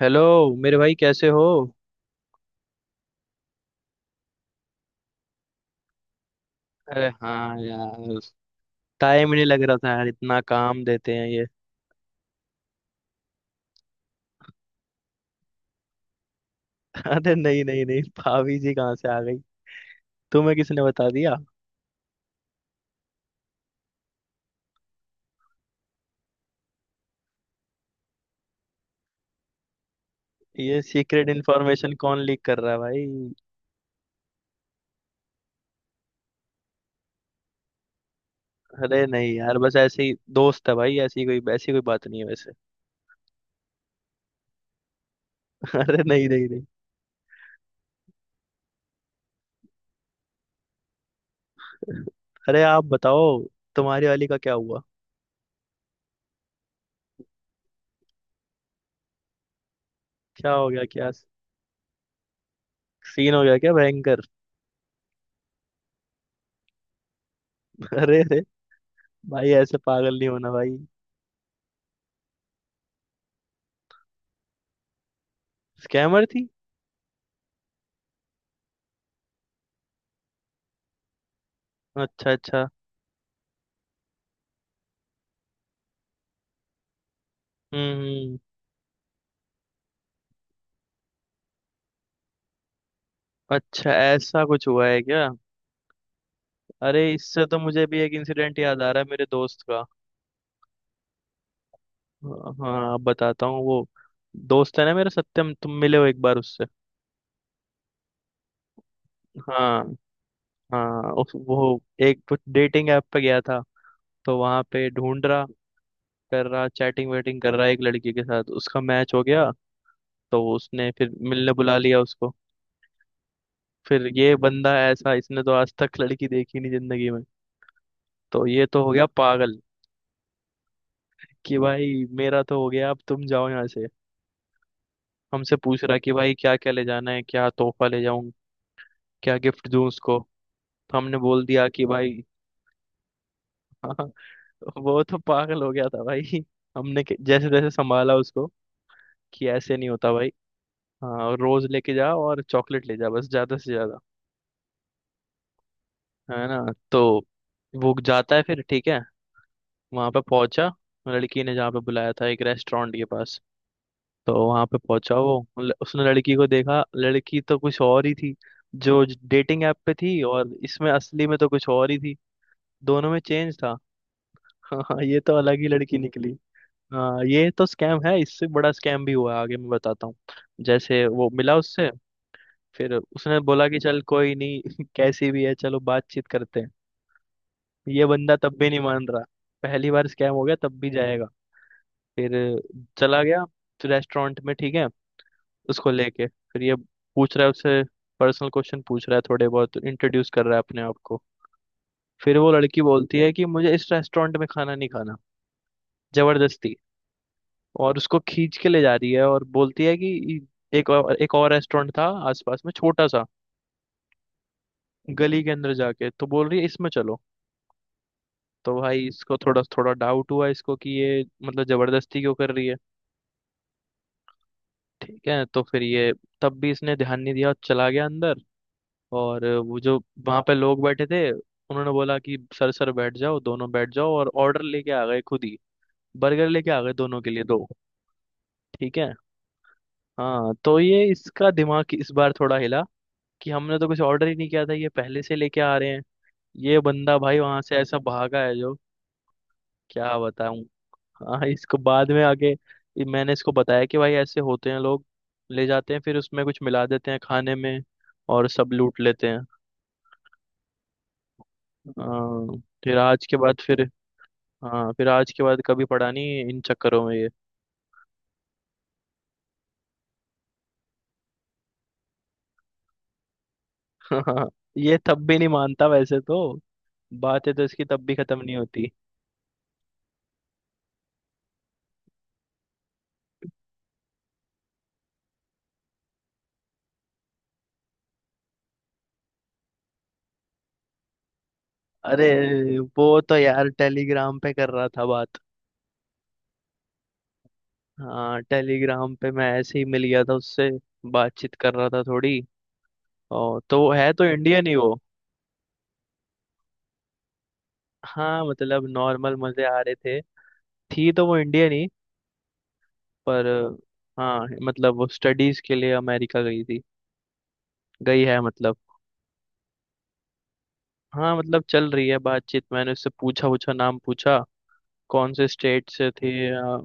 Hello. मेरे भाई कैसे हो? अरे हाँ यार, टाइम ही नहीं लग रहा था यार, इतना काम देते हैं ये। अरे नहीं नहीं नहीं, भाभी जी कहाँ से आ गई? तुम्हें किसने बता दिया? ये सीक्रेट इन्फॉर्मेशन कौन लीक कर रहा है भाई? अरे नहीं यार, बस ऐसे ही दोस्त है भाई, ऐसी कोई बात नहीं है वैसे। अरे नहीं नहीं नहीं। अरे आप बताओ, तुम्हारी वाली का क्या हुआ? क्या हो गया क्या? सीन हो गया क्या भयंकर? अरे अरे, भाई ऐसे पागल नहीं होना भाई। स्कैमर थी। अच्छा अच्छा। हम्म हम्म। अच्छा, ऐसा कुछ हुआ है क्या? अरे, इससे तो मुझे भी एक इंसिडेंट याद आ रहा है मेरे दोस्त का। हाँ हाँ, अब बताता हूँ वो। दोस्त है ना मेरा सत्यम, तुम मिले हो एक बार उससे? हाँ। हाँ उस वो एक डेटिंग ऐप पे गया था। तो वहां पे ढूंढ रहा, कर रहा चैटिंग वेटिंग, कर रहा है एक लड़की के साथ। उसका मैच हो गया। तो उसने फिर मिलने बुला लिया उसको। फिर ये बंदा ऐसा, इसने तो आज तक लड़की देखी नहीं जिंदगी में। तो ये तो हो गया पागल। कि भाई मेरा तो हो गया, अब तुम जाओ यहाँ से। हमसे पूछ रहा कि भाई क्या क्या ले जाना है, क्या तोहफा ले जाऊं। क्या गिफ्ट दूं उसको। तो हमने बोल दिया कि भाई। वो तो पागल हो गया था भाई। हमने जैसे तैसे संभाला उसको। कि ऐसे नहीं होता भाई। हाँ, रोज लेके जा और चॉकलेट ले जा बस, ज्यादा से ज्यादा। है ना। तो वो जाता है फिर, ठीक है। वहां पे पहुंचा, लड़की ने जहाँ पे बुलाया था, एक रेस्टोरेंट के पास। तो वहां पे पहुंचा वो। उसने लड़की को देखा, लड़की तो कुछ और ही थी। जो डेटिंग ऐप पे थी, और इसमें असली में तो कुछ और ही थी। दोनों में चेंज था। हाँ, ये तो अलग ही लड़की निकली। हाँ, ये तो स्कैम है, इससे बड़ा स्कैम भी हुआ है, आगे मैं बताता हूँ। जैसे वो मिला उससे। फिर उसने बोला कि चल कोई नहीं, कैसी भी है चलो बातचीत करते हैं। ये बंदा तब भी नहीं मान रहा। पहली बार स्कैम हो गया, तब भी जाएगा। फिर चला गया। रेस्टोरेंट में, ठीक है। उसको लेके। फिर ये पूछ रहा है उससे। पर्सनल क्वेश्चन पूछ रहा है, थोड़े बहुत इंट्रोड्यूस कर रहा है अपने आप को। फिर वो लड़की बोलती है कि मुझे इस रेस्टोरेंट में खाना नहीं खाना। जबरदस्ती। और उसको खींच के ले जा रही है और बोलती है कि एक और रेस्टोरेंट था आसपास में छोटा सा। गली के अंदर जाके, तो बोल रही है इसमें चलो। तो भाई इसको थोड़ा थोड़ा डाउट हुआ इसको, कि ये मतलब जबरदस्ती क्यों कर रही है। ठीक है, तो फिर ये तब भी इसने ध्यान नहीं दिया और चला गया अंदर। और वो जो वहां पे लोग बैठे थे, उन्होंने बोला कि सर सर बैठ जाओ, दोनों बैठ जाओ, और ऑर्डर लेके आ गए खुद ही। बर्गर लेके आ गए दोनों के लिए, दो। ठीक है। हाँ, तो ये इसका दिमाग इस बार थोड़ा हिला। कि हमने तो कुछ ऑर्डर ही नहीं किया था, ये पहले से लेके आ रहे हैं। ये बंदा भाई वहां से ऐसा भागा है जो, क्या बताऊं। हाँ, इसको बाद में आके ये मैंने इसको बताया कि भाई ऐसे होते हैं लोग। ले जाते हैं, फिर उसमें कुछ मिला देते हैं खाने में। और सब लूट लेते हैं। हाँ, फिर आज के बाद फिर। हाँ, फिर आज के बाद कभी पड़ा नहीं इन चक्करों में ये। ये तब भी नहीं मानता वैसे तो। बातें तो इसकी तब भी खत्म नहीं होती। अरे वो तो यार टेलीग्राम पे कर रहा था बात। हाँ, टेलीग्राम पे मैं ऐसे ही मिल गया था उससे। बातचीत कर रहा था थोड़ी। और तो वो है तो इंडियन ही वो। हाँ, मतलब नॉर्मल मजे आ रहे थे। थी तो वो इंडियन ही। पर। हाँ। मतलब वो स्टडीज के लिए अमेरिका गई थी। गई है मतलब। हाँ, मतलब चल रही है बातचीत, मैंने उससे पूछा, पूछा नाम पूछा। कौन से स्टेट से थे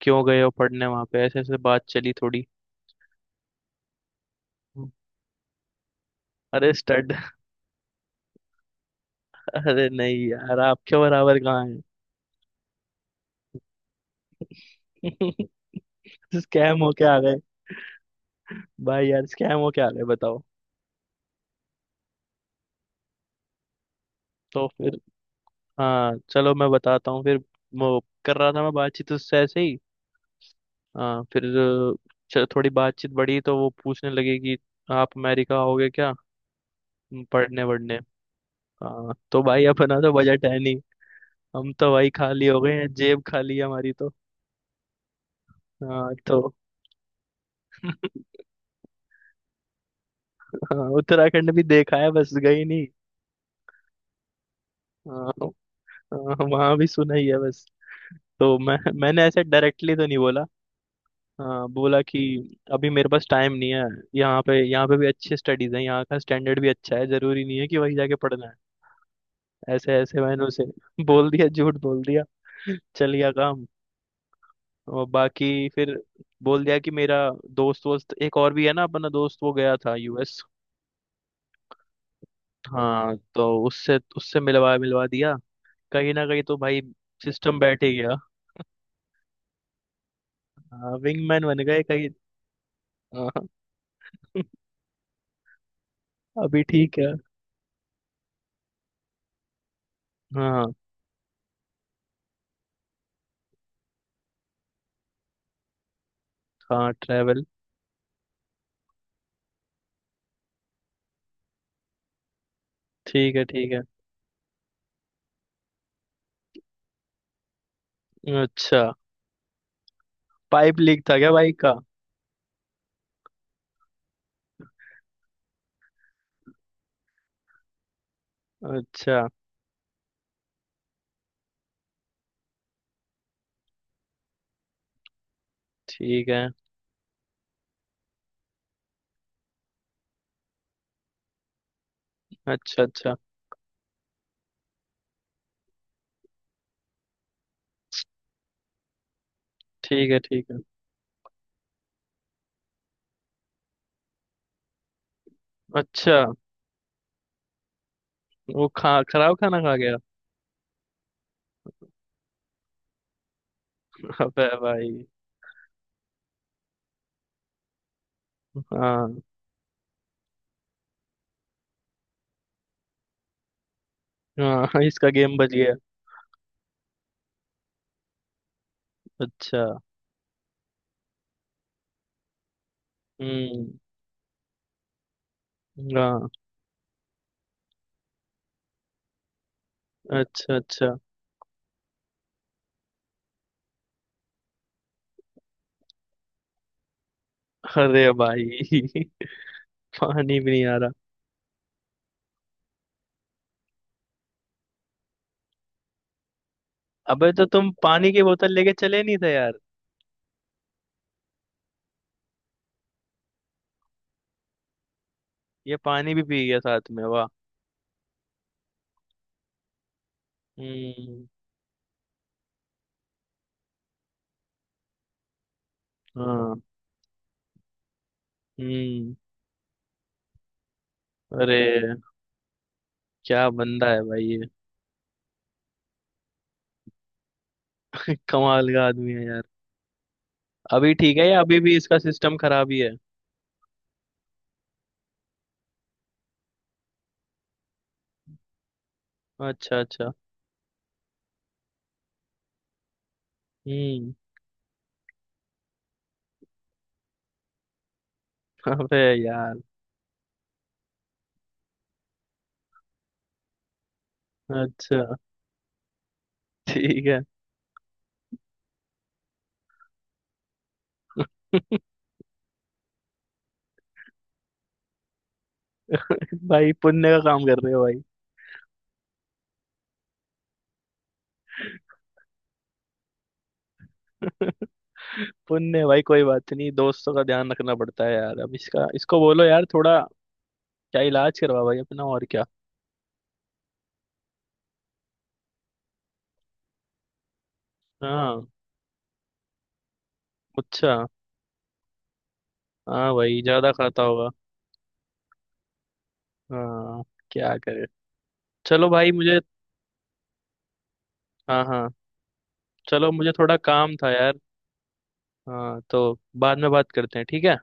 क्यों गए हो पढ़ने वहाँ पे, ऐसे ऐसे बात चली थोड़ी। अरे स्टड। अरे नहीं यार, आपके बराबर कहाँ है। स्कैम होके आ गए। भाई यार स्कैम हो, क्या हाल है बताओ। तो फिर। हाँ, चलो मैं बताता हूँ फिर। वो कर रहा था मैं बातचीत उससे ऐसे ही। हाँ, फिर थोड़ी बातचीत बढ़ी, तो वो पूछने लगे कि आप अमेरिका आओगे क्या, पढ़ने वढ़ने। हाँ, तो भाई अपना तो बजट है नहीं। हम तो भाई खाली हो गए हैं, जेब खाली है हमारी तो। हाँ तो। हाँ, उत्तराखंड भी देखा है, बस गई नहीं। हाँ, हाँ, वहाँ भी सुना ही है बस। तो मैंने ऐसे डायरेक्टली तो नहीं बोला। हाँ, बोला कि अभी मेरे पास टाइम नहीं है। यहाँ पे भी अच्छी स्टडीज हैं, यहाँ का स्टैंडर्ड भी अच्छा है, जरूरी नहीं है कि वही जाके पढ़ना है, ऐसे ऐसे मैंने उसे बोल दिया, झूठ बोल दिया। चल गया काम। और बाकी फिर बोल दिया कि मेरा दोस्त वोस्त एक और भी है ना, अपना दोस्त वो गया था यूएस। हाँ, तो उससे उससे मिलवा मिलवा दिया। कहीं ना कहीं तो भाई सिस्टम बैठ ही गया। हाँ, विंगमैन बन गए कहीं। हाँ। अभी ठीक है। हाँ हाँ, ट्रैवल। ठीक है ठीक है। अच्छा, पाइप लीक था क्या बाइक का? अच्छा। ठीक है। अच्छा अच्छा। ठीक है ठीक है। अच्छा। वो खा खराब खाना खा गया। अबे भाई। हाँ। हाँ, इसका गेम बच गया। अच्छा। हम्म। हाँ। अच्छा अच्छा। अरे भाई। पानी भी नहीं आ रहा। अबे तो तुम पानी की बोतल लेके चले नहीं थे यार। ये पानी भी पी गया साथ में, वाह। हम्म। हाँ। हम्म। अरे, क्या बंदा है भाई ये। कमाल का आदमी है यार। अभी ठीक है, या अभी भी इसका सिस्टम खराब ही है? अच्छा अच्छा। हम्म। अबे यार। अच्छा, ठीक है। भाई, पुण्य का काम कर रहे हो भाई। पुण्य भाई, कोई बात नहीं, दोस्तों का ध्यान रखना पड़ता है यार। अब इसका इसको बोलो यार थोड़ा, क्या इलाज करवा भाई अपना, और क्या। हाँ। अच्छा। हाँ भाई ज्यादा खाता होगा। हाँ। क्या करे। चलो भाई मुझे। हाँ हाँ, चलो मुझे थोड़ा काम था यार। हाँ तो, बाद में बात करते हैं, ठीक है।